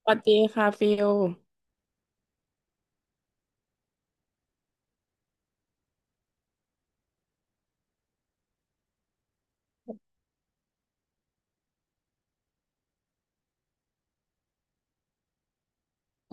สวัสดีค่ะฟิล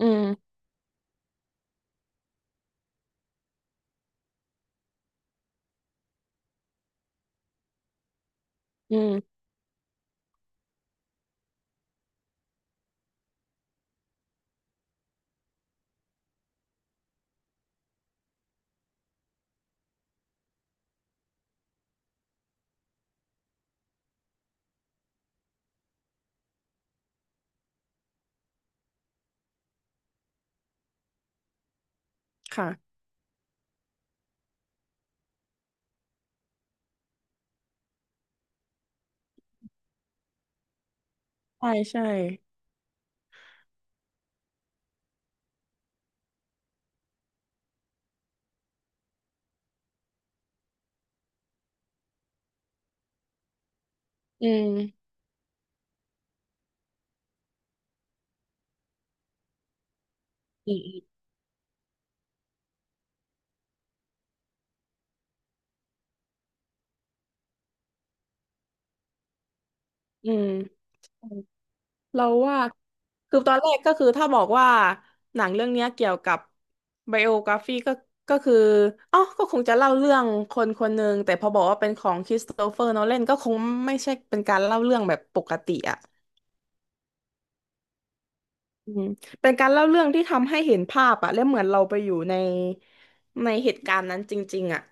อืมอืมค่ะใช่ใช่อืมอืมอืมเราว่าคือตอนแรกก็คือถ้าบอกว่าหนังเรื่องเนี้ยเกี่ยวกับไบโอกราฟีก็ก็คืออ๋อก็คงจะเล่าเรื่องคนคนหนึ่งแต่พอบอกว่าเป็นของคริสโตเฟอร์โนแลนก็คงไม่ใช่เป็นการเล่าเรื่องแบบปกติอ่ะอืมเป็นการเล่าเรื่องที่ทำให้เห็นภาพอ่ะและเหมือนเราไปอยู่ในในเหตุการณ์นั้นจริงๆอ่ะ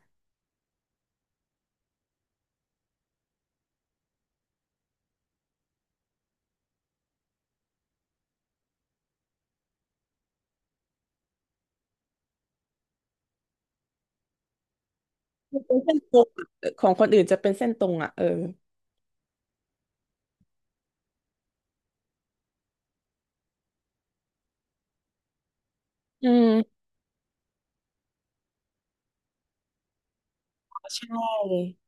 เป็นเส้นตรงอะของคนอื่นจะเป็นเส้นตรงอ่ะเอออืมใช่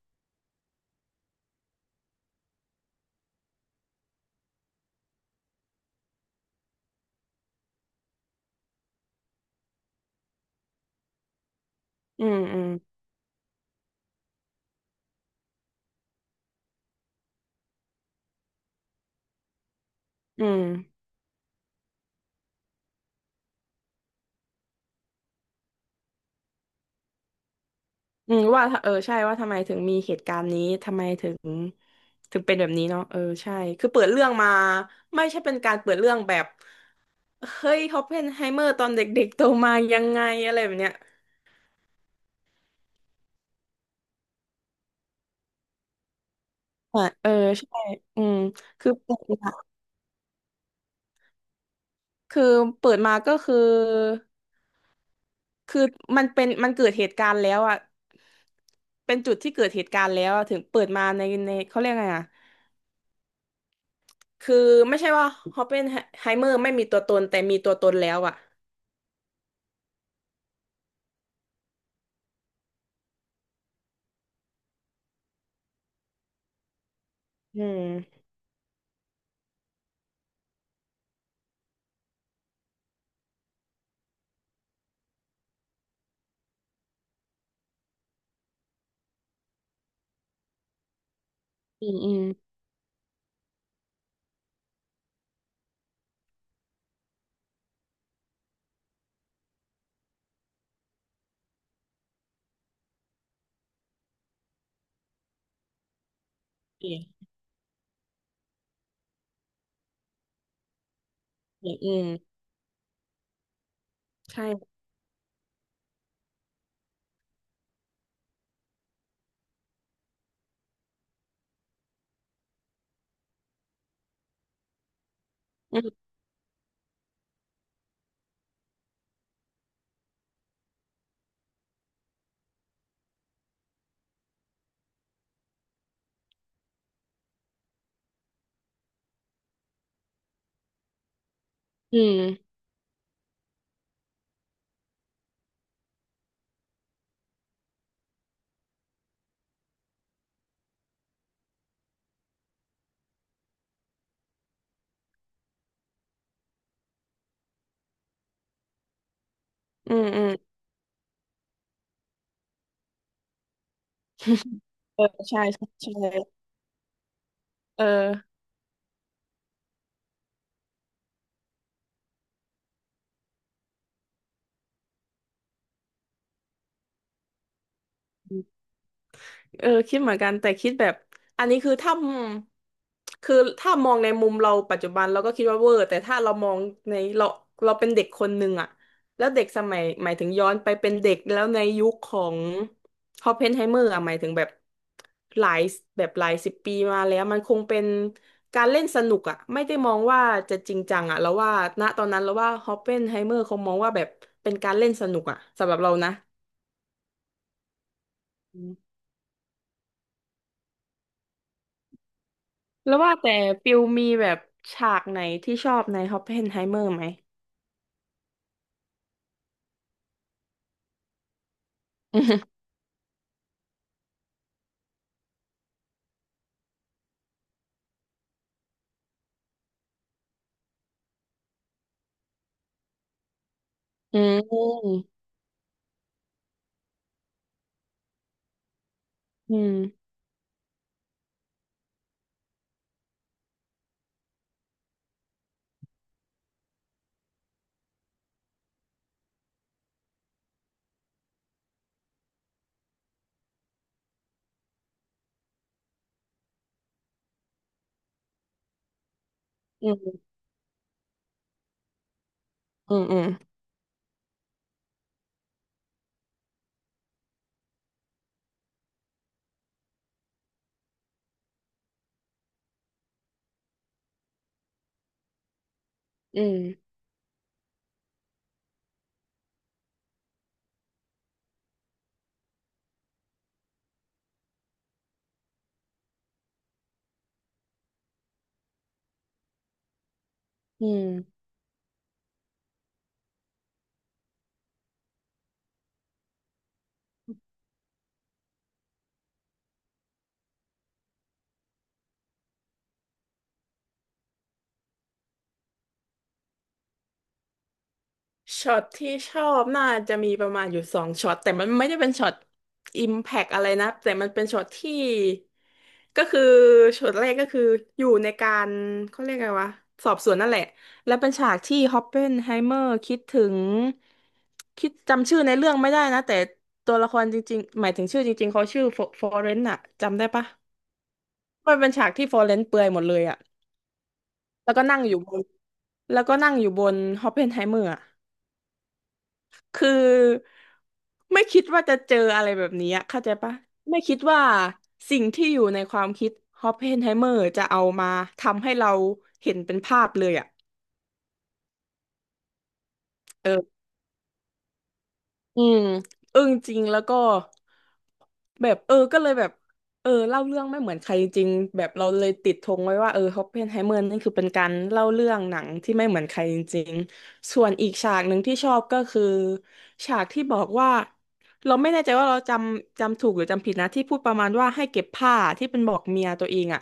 อืมอืมอืมอืมว่าถ้าเออใช่ว่าทำไมถึงมีเหตุการณ์นี้ทำไมถึงถึงเป็นแบบนี้เนาะเออใช่คือเปิดเรื่องมาไม่ใช่เป็นการเปิดเรื่องแบบเฮ้ยฮอปเพนไฮเมอร์ตอนเด็กๆโตมายังไงอะไรแบบเนี้ยอ่ะเออใช่อืมคือเปิดมาคือเปิดมาก็คือ คือมันเกิดเหตุการณ์แล้วอ่ะเป็นจุดที่เกิดเหตุการณ์แล้วอะถึงเปิดมาในในเขาเรียกไงอ่ะคือไม่ใช่ว่าฮอปเปนไฮเมอร์ไม่มีตัวตนแต่มีตัวตนแล้วอ่ะอืมอืมอืมอืมอืมอืมใช่อืมอืมอืมอืม เออใช่ใช่ใช่เออ เออคิดเหมือนกันแต่คิดแบบอันนี้คือถ้ามองในมุมเราปัจจุบันเราก็คิดว่าเวอร์แต่ถ้าเรามองในเราเราเป็นเด็กคนหนึ่งอะแล้วเด็กสมัยหมายถึงย้อนไปเป็นเด็กแล้วในยุคของฮอปเพนไฮเมอร์อะหมายถึงแบบหลายแบบหลายสิบปีมาแล้วมันคงเป็นการเล่นสนุกอะไม่ได้มองว่าจะจริงจังอะแล้วว่าณตอนนั้นเราว่าฮอปเพนไฮเมอร์เขามองว่าแบบเป็นการเล่นสนุกอะสำหรับเรานะ แล้วว่าแต่ปิวมีแบบฉากไหนที่ชอบในฮอปเพนไฮเมอร์ไหม อืมอืมอืมอืมอืมอืมอืม ช็อตที่ชอบน่าจะมีประมาณอยู่สองช็อตแต่มันไม่ได้เป็นช็อตอิมแพกอะไรนะแต่มันเป็นช็อตที่ก็คือช็อตแรกก็คืออยู่ในการเขาเรียกไงวะสอบสวนนั่นแหละและเป็นฉากที่ฮอปเปนไฮเมอร์คิดถึงจำชื่อในเรื่องไม่ได้นะแต่ตัวละครจริงๆหมายถึงชื่อจริงๆเขาชื่อฟอเรนต์อะจำได้ปะมันเป็นฉากที่ฟอเรนต์เปลือยหมดเลยอะแล้วก็นั่งอยู่บนแล้วก็นั่งอยู่บนฮอปเปนไฮเมอร์ คือไม่คิดว่าจะเจออะไรแบบนี้อะเข้าใจปะไม่คิดว่าสิ่งที่อยู่ในความคิดฮอปเพนไฮเมอร์จะเอามาทำให้เราเห็นเป็นภาพเลยอ่ะเออ อืมอึ้งจริงแล้วก็แบบเออก็เลยแบบเออเล่าเรื่องไม่เหมือนใครจริงแบบเราเลยติดธงไว้ว่าเออฮอปเพนไฮเมอร์นี่คือเป็นการเล่าเรื่องหนังที่ไม่เหมือนใครจริงส่วนอีกฉากหนึ่งที่ชอบก็คือฉากที่บอกว่าเราไม่แน่ใจว่าเราจำถูกหรือจำผิดนะที่พูดประมาณว่าให้เก็บผ้าที่เป็นบอกเมียตัวเองอะ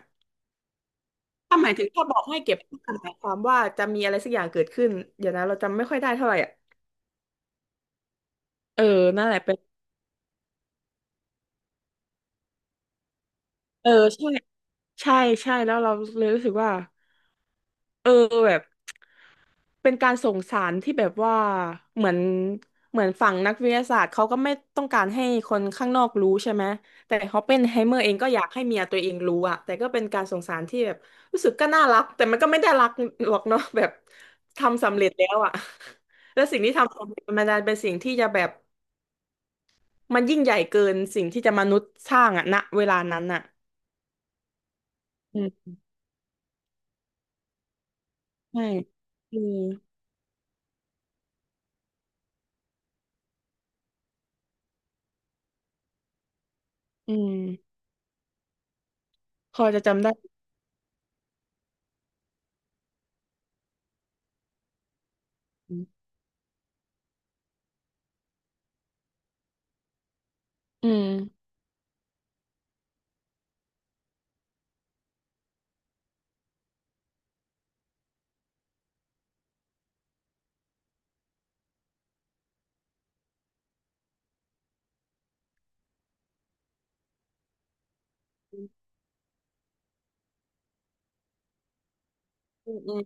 ถ้าหมายถึงถ้าบอกให้เก็บผ้าหมายความว่าจะมีอะไรสักอย่างเกิดขึ้นเดี๋ยวนะเราจำไม่ค่อยได้เท่าไหร่อะเออนั่นแหละเป็นเออใช่ ใช่ใช่แล้วเราเลยรู้สึกว่าเออแบบเป็นการส่งสารที่แบบว่าเหมือนเหมือนฝั่งนักวิทยาศาสตร์เขาก็ไม่ต้องการให้คนข้างนอกรู้ใช่ไหมแต่ฮอปเปนไฮเมอร์เองก็อยากให้เมียตัวเองรู้อะแต่ก็เป็นการส่งสารที่แบบรู้สึกก็น่ารักแต่มันก็ไม่ได้รักหรอกเนาะ แบบทำสำเร็จแล้วอะ แล้วสิ่งที่ทำสำเร็จมันดันเป็นสิ่งที่จะแบบมันยิ่งใหญ่เกินสิ่งที่จะมนุษย์สร้างอะณเวลานั้นอะอืมใช่อืมอืมพอจะจำได้ อืมอืมอืม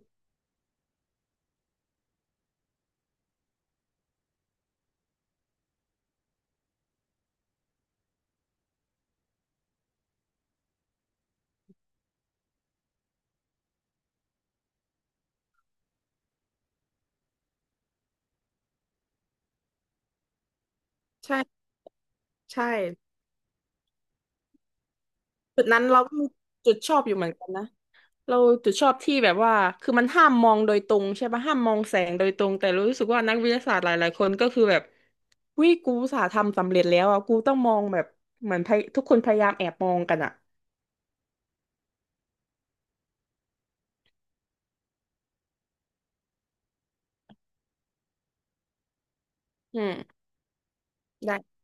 ใช่ใช่จุดนั้นเราก็มีจุดชอบอยู่เหมือนกันนะเราจุดชอบที่แบบว่าคือมันห้ามมองโดยตรงใช่ปะห้ามมองแสงโดยตรงแต่รู้สึกว่านักวิทยาศาสตร์หลายๆคนก็คือแบบวิกูอุตสาห์ทำสำเร็จแล้วอ่ะกูต้องมองแบบเหมือนพยทุกคนพยายามแอบมองกันอ่ะอืมได้